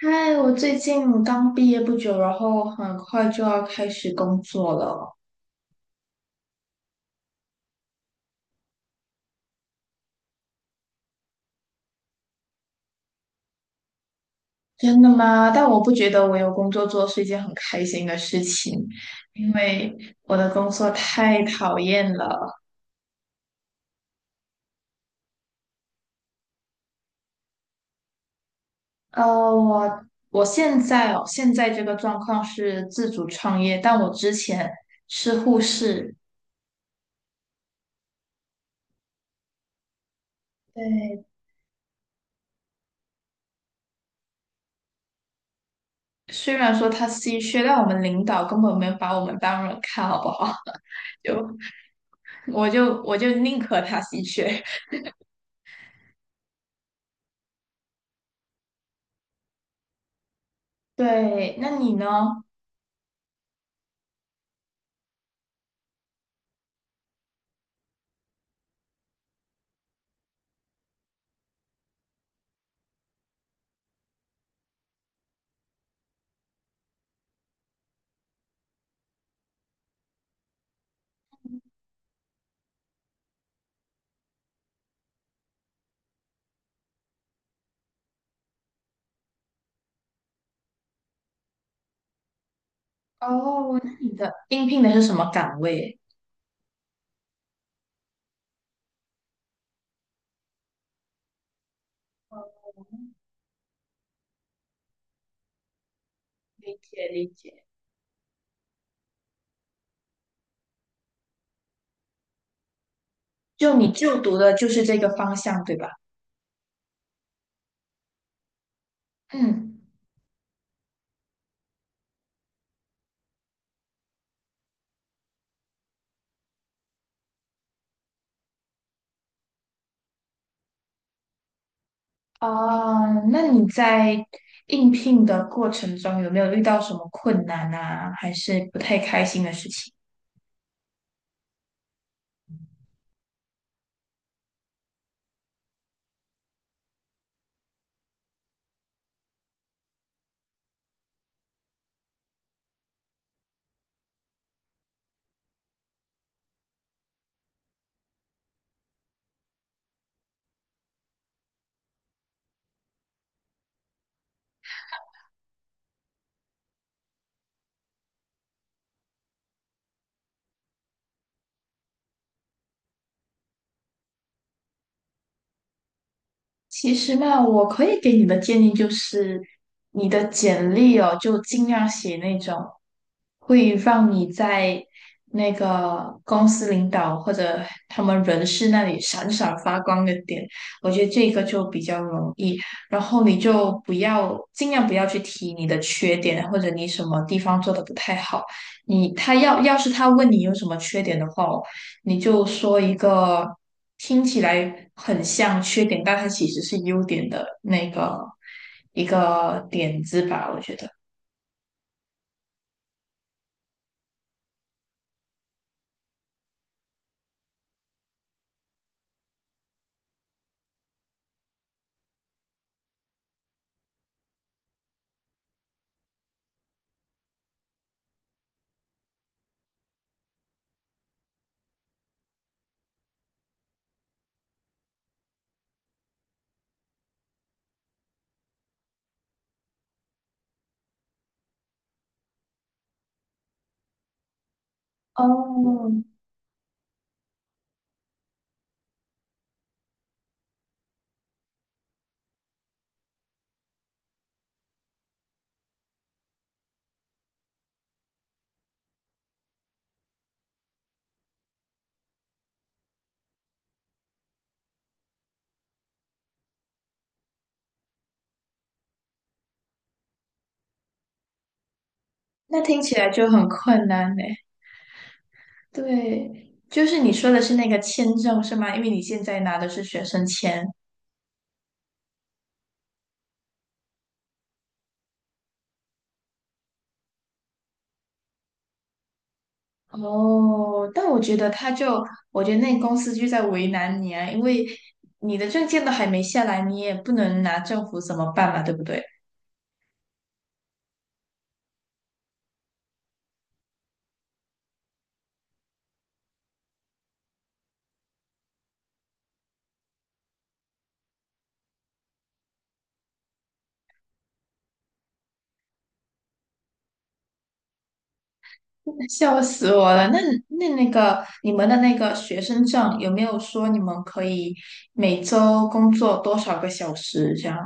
嗨，我最近刚毕业不久，然后很快就要开始工作了。真的吗？但我不觉得我有工作做是一件很开心的事情，因为我的工作太讨厌了。呃，我我现在哦，现在这个状况是自主创业，但我之前是护士。对，虽然说他稀缺，但我们领导根本没有把我们当人看，好不好？就我就宁可他稀缺。对，那你呢？哦，那你的应聘的是什么岗位？理解理解。就你就读的就是这个方向，对吧？嗯，啊，那你在应聘的过程中有没有遇到什么困难啊，还是不太开心的事情？其实嘛，我可以给你的建议就是，你的简历哦，就尽量写那种会让你在那个公司领导或者他们人事那里闪闪发光的点。我觉得这个就比较容易。然后你就不要尽量不要去提你的缺点，或者你什么地方做的不太好。你他要要是他问你有什么缺点的话，你就说一个听起来很像缺点，但它其实是优点的那个一个点子吧，我觉得。哦，那听起来就很困难呢。对，就是你说的是那个签证是吗？因为你现在拿的是学生签。哦，但我觉得他就，我觉得那公司就在为难你啊，因为你的证件都还没下来，你也不能拿政府怎么办嘛，对不对？笑死我了！那那个你们的那个学生证有没有说你们可以每周工作多少个小时这样？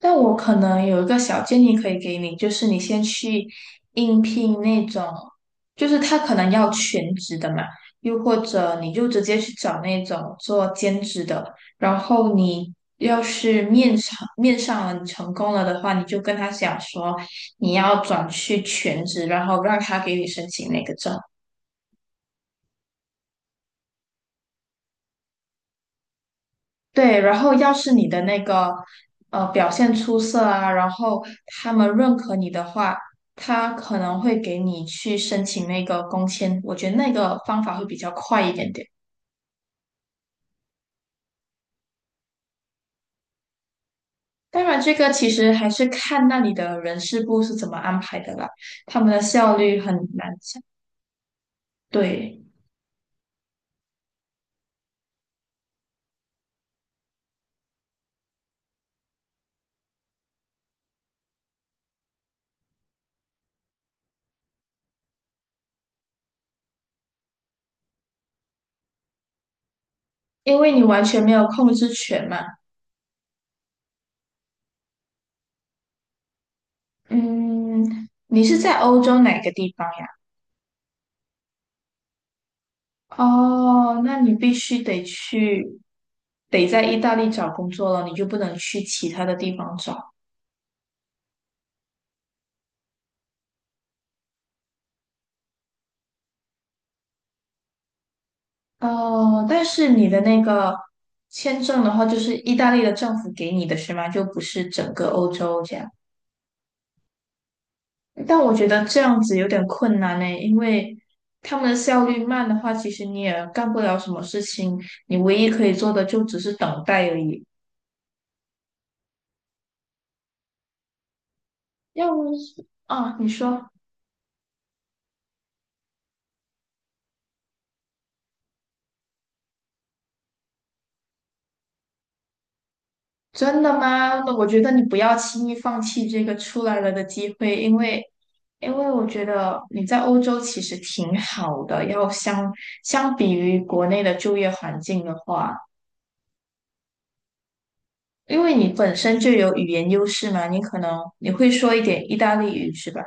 但我可能有一个小建议可以给你，就是你先去应聘那种，就是他可能要全职的嘛，又或者你就直接去找那种做兼职的，然后你要是面上了，你成功了的话，你就跟他讲说你要转去全职，然后让他给你申请那个证。对，然后要是你的那个表现出色啊，然后他们认可你的话，他可能会给你去申请那个工签。我觉得那个方法会比较快一点点。当然，这个其实还是看那里的人事部是怎么安排的啦，他们的效率很难讲。对，因为你完全没有控制权嘛。嗯，你是在欧洲哪个地方呀？哦，那你必须得去，得在意大利找工作了，你就不能去其他的地方找。哦，但是你的那个签证的话，就是意大利的政府给你的是吗？就不是整个欧洲这样。但我觉得这样子有点困难呢，因为他们的效率慢的话，其实你也干不了什么事情，你唯一可以做的就只是等待而已。要不是啊，你说。真的吗？那我觉得你不要轻易放弃这个出来了的机会，因为，因为我觉得你在欧洲其实挺好的，要相比于国内的就业环境的话，因为你本身就有语言优势嘛，你可能你会说一点意大利语是吧？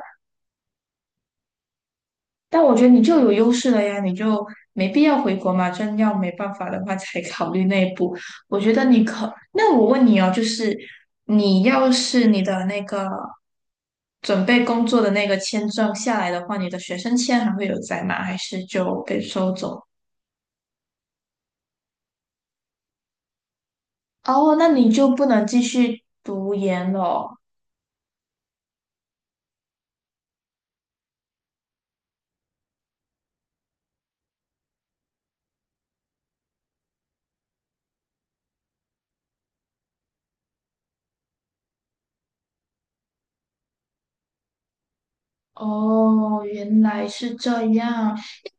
但我觉得你就有优势了呀，你就没必要回国嘛。真要没办法的话，才考虑内部。我觉得你可，那我问你哦，就是你要是你的那个准备工作的那个签证下来的话，你的学生签还会有在吗？还是就被收走？哦，那你就不能继续读研了哦。哦原来是这样。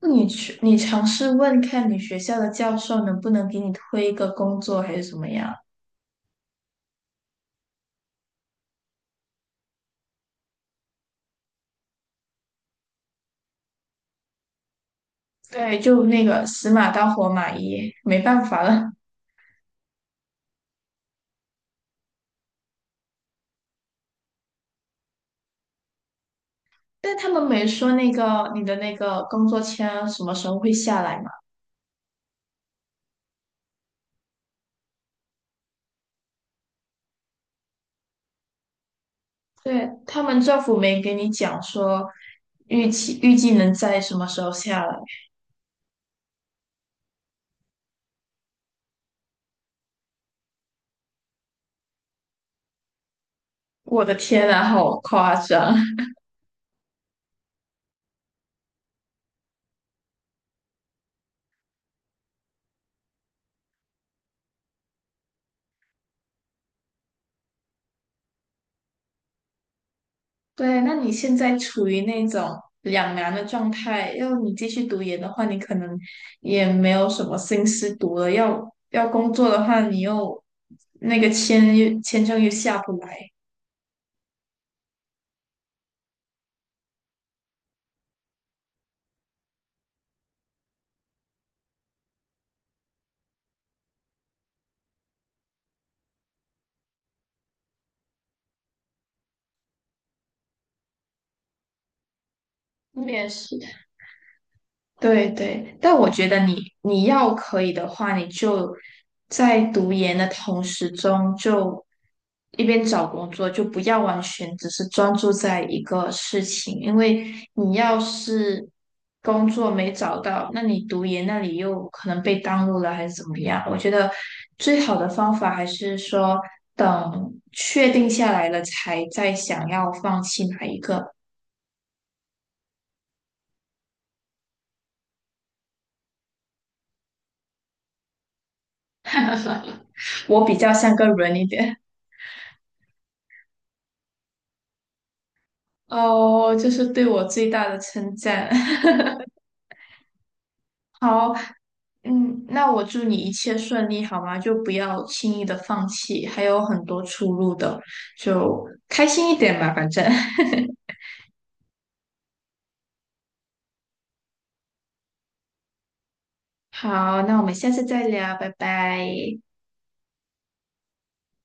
你去，你尝试问看你学校的教授能不能给你推一个工作，还是怎么样？对，就那个死马当活马医，没办法了。但他们没说那个你的那个工作签什么时候会下来嘛？对，他们政府没给你讲说预计能在什么时候下来。我的天啊，好夸张！对，那你现在处于那种两难的状态，要你继续读研的话，你可能也没有什么心思读了；要工作的话，你又签证又下不来。面试。对对，但我觉得你要可以的话，你就在读研的同时中，就一边找工作，就不要完全只是专注在一个事情，因为你要是工作没找到，那你读研那里又可能被耽误了，还是怎么样？我觉得最好的方法还是说等确定下来了才再想要放弃哪一个，我比较像个人一点。哦，这是对我最大的称赞。好，嗯，那我祝你一切顺利，好吗？就不要轻易的放弃，还有很多出路的，就开心一点吧，反正。好，那我们下次再聊，拜拜。